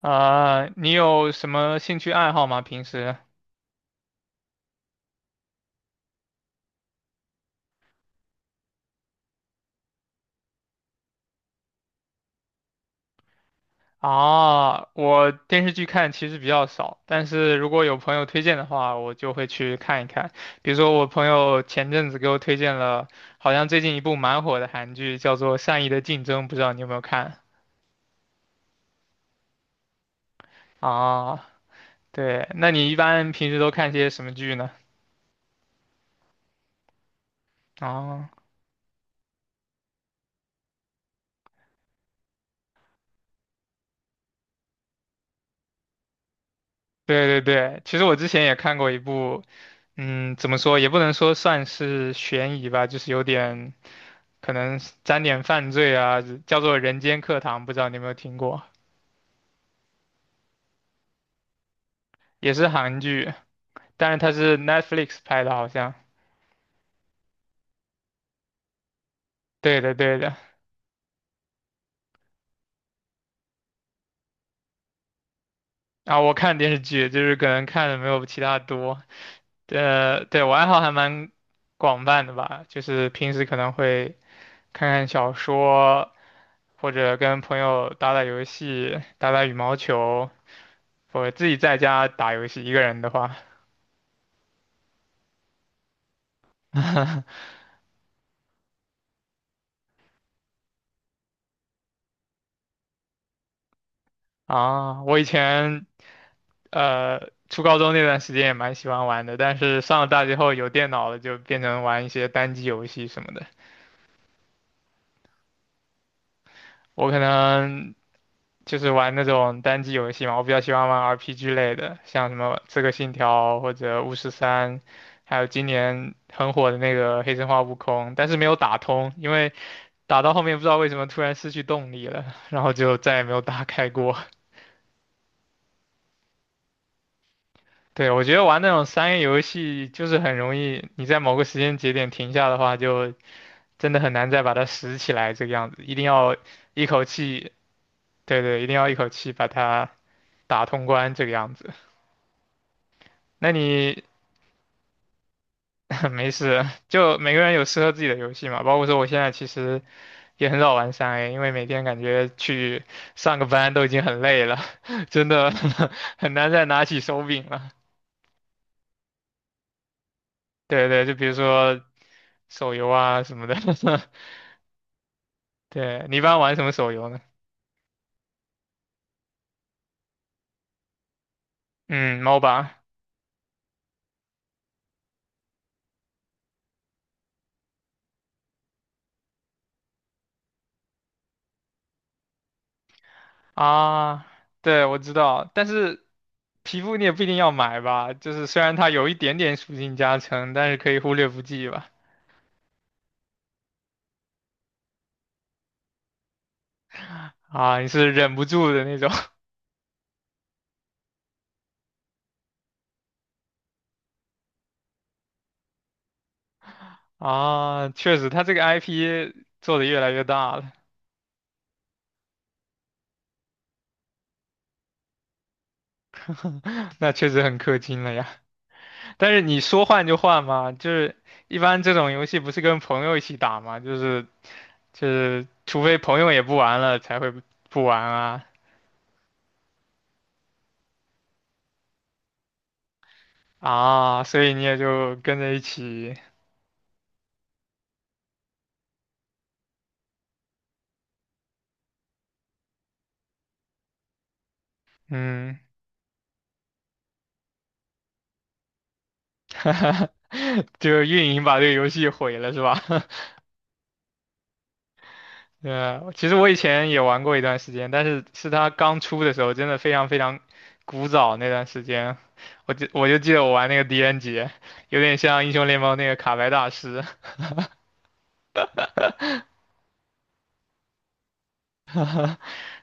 啊，你有什么兴趣爱好吗？平时。啊，我电视剧看其实比较少，但是如果有朋友推荐的话，我就会去看一看。比如说，我朋友前阵子给我推荐了，好像最近一部蛮火的韩剧，叫做《善意的竞争》，不知道你有没有看？啊，对，那你一般平时都看些什么剧呢？啊，对对对，其实我之前也看过一部，怎么说也不能说算是悬疑吧，就是有点。可能沾点犯罪啊，叫做《人间课堂》，不知道你有没有听过，也是韩剧，但是它是 Netflix 拍的，好像。对的，对的。啊，我看电视剧就是可能看的没有其他多，对，我爱好还蛮广泛的吧，就是平时可能会看看小说，或者跟朋友打打游戏，打打羽毛球，或者自己在家打游戏，一个人的话。啊，我以前初高中那段时间也蛮喜欢玩的，但是上了大学后有电脑了，就变成玩一些单机游戏什么的。我可能就是玩那种单机游戏嘛，我比较喜欢玩 RPG 类的，像什么《刺客信条》或者《巫师三》，还有今年很火的那个《黑神话：悟空》，但是没有打通，因为打到后面不知道为什么突然失去动力了，然后就再也没有打开过。对，我觉得玩那种商业游戏就是很容易，你在某个时间节点停下的话就。真的很难再把它拾起来这个样子，一定要一口气，对对，一定要一口气把它打通关这个样子。那你 没事，就每个人有适合自己的游戏嘛，包括说我现在其实也很少玩三 A，因为每天感觉去上个班都已经很累了，真的 很难再拿起手柄了。对对，就比如说手游啊什么的，对，你一般玩什么手游呢？嗯，MOBA。啊，对，我知道，但是皮肤你也不一定要买吧，就是虽然它有一点点属性加成，但是可以忽略不计吧。啊，你是忍不住的那种 啊，确实，它这个 IP 做的越来越大了，那确实很氪金了呀。但是你说换就换嘛，就是一般这种游戏不是跟朋友一起打嘛，就是除非朋友也不玩了才会不玩啊啊，所以你也就跟着一起，嗯。就是运营把这个游戏毁了，是吧？嗯，其实我以前也玩过一段时间，但是是它刚出的时候，真的非常非常古早那段时间，我就记得我玩那个狄仁杰，有点像英雄联盟那个卡牌大师。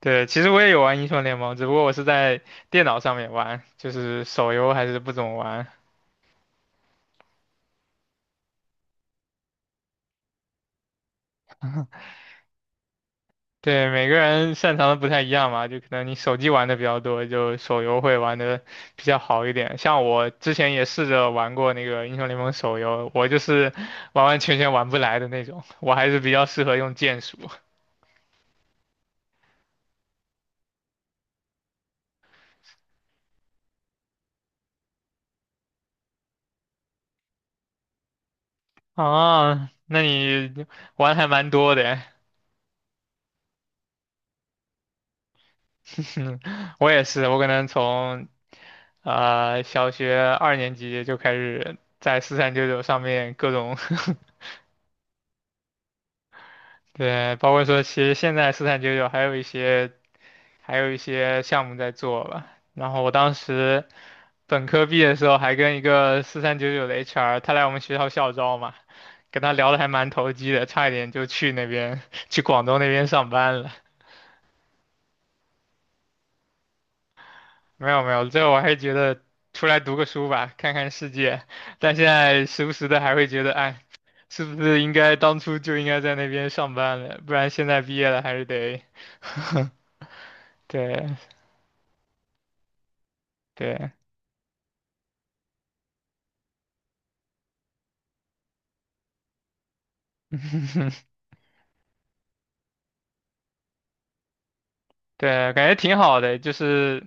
对，其实我也有玩英雄联盟，只不过我是在电脑上面玩，就是手游还是不怎么玩。对，每个人擅长的不太一样嘛，就可能你手机玩的比较多，就手游会玩的比较好一点。像我之前也试着玩过那个英雄联盟手游，我就是完完全全玩不来的那种，我还是比较适合用剑术啊 那你玩还蛮多的诶，我也是，我可能从小学二年级就开始在四三九九上面各种 对，包括说，其实现在四三九九还有一些项目在做吧。然后我当时本科毕业的时候，还跟一个四三九九的 HR，他来我们学校校招嘛，跟他聊的还蛮投机的，差一点就去那边 去广东那边上班了。没有没有，最后我还是觉得出来读个书吧，看看世界。但现在时不时的还会觉得，哎，是不是应该当初就应该在那边上班了？不然现在毕业了还是得 对，对对，感觉挺好的，就是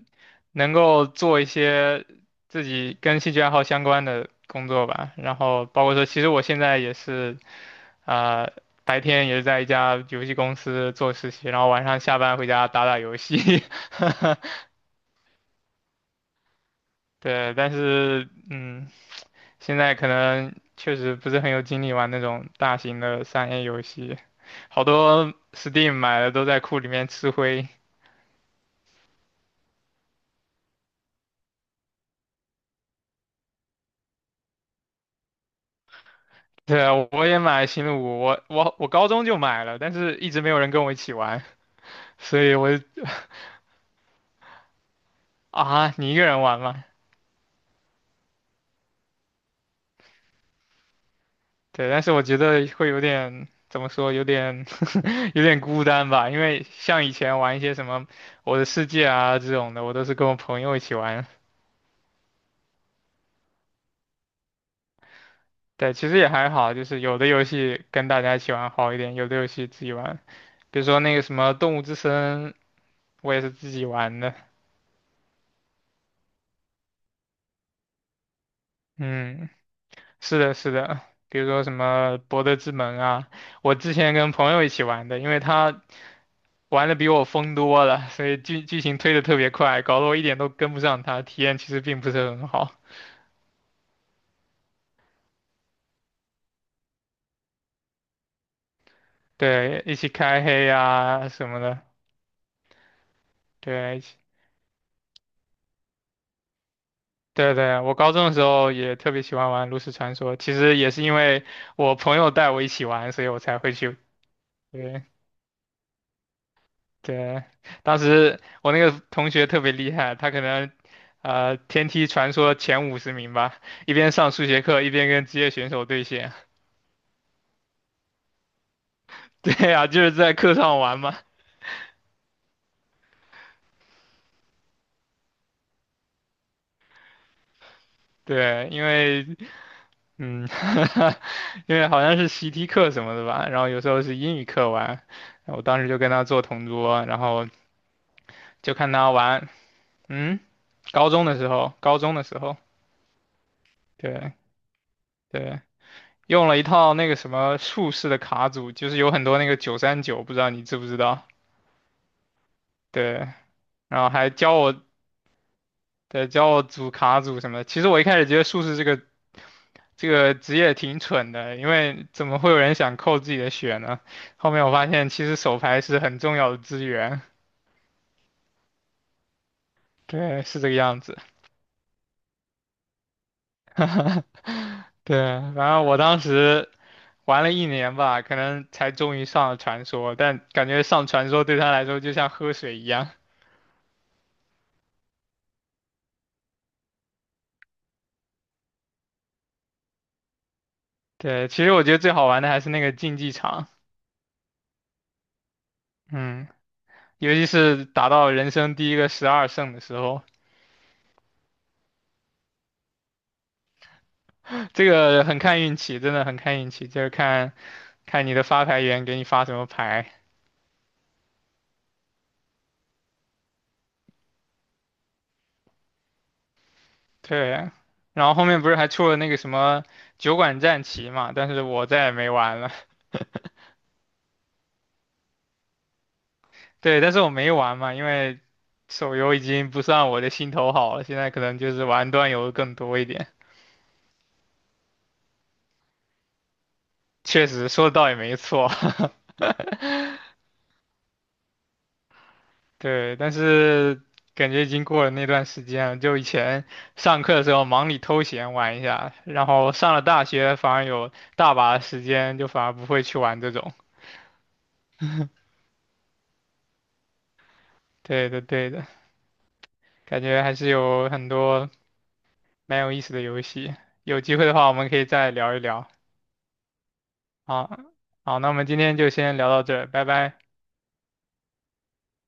能够做一些自己跟兴趣爱好相关的工作吧。然后包括说，其实我现在也是，啊、白天也是在一家游戏公司做实习，然后晚上下班回家打打游戏。对，但是现在可能确实不是很有精力玩那种大型的三 A 游戏，好多 Steam 买的都在库里面吃灰。对啊，我也买星露谷，我高中就买了，但是一直没有人跟我一起玩，所以我就啊，你一个人玩吗？对，但是我觉得会有点怎么说，有点 有点孤单吧，因为像以前玩一些什么我的世界啊这种的，我都是跟我朋友一起玩。对，其实也还好，就是有的游戏跟大家一起玩好一点，有的游戏自己玩，比如说那个什么《动物之森》，我也是自己玩的。嗯，是的，是的，比如说什么博德之门啊，我之前跟朋友一起玩的，因为他玩的比我疯多了，所以剧情推的特别快，搞得我一点都跟不上他，体验其实并不是很好。对，一起开黑啊什么的，对，一起对对，我高中的时候也特别喜欢玩炉石传说，其实也是因为我朋友带我一起玩，所以我才会去。对，对，当时我那个同学特别厉害，他可能天梯传说前50名吧，一边上数学课一边跟职业选手对线。对呀、就是在课上玩嘛。对，因为嗯，因为好像是习题课什么的吧，然后有时候是英语课玩，我当时就跟他做同桌，然后就看他玩。嗯，高中的时候，高中的时候，对对。用了一套那个什么术士的卡组，就是有很多那个939，不知道你知不知道？对，然后还教我，对，教我组卡组什么的。其实我一开始觉得术士这个职业挺蠢的，因为怎么会有人想扣自己的血呢？后面我发现其实手牌是很重要的资源，对，是这个样子。对，然后我当时玩了一年吧，可能才终于上了传说，但感觉上传说对他来说就像喝水一样。对，其实我觉得最好玩的还是那个竞技场。嗯，尤其是打到人生第一个12胜的时候，这个很看运气，真的很看运气，就是看看你的发牌员给你发什么牌。对，然后后面不是还出了那个什么酒馆战旗嘛，但是我再也没玩了。对，但是我没玩嘛，因为手游已经不算我的心头好了，现在可能就是玩端游更多一点。确实说的倒也没错，对，但是感觉已经过了那段时间了。就以前上课的时候忙里偷闲玩一下，然后上了大学反而有大把的时间，就反而不会去玩这种。对的，对的，感觉还是有很多蛮有意思的游戏。有机会的话，我们可以再聊一聊。好，好，那我们今天就先聊到这儿，拜拜。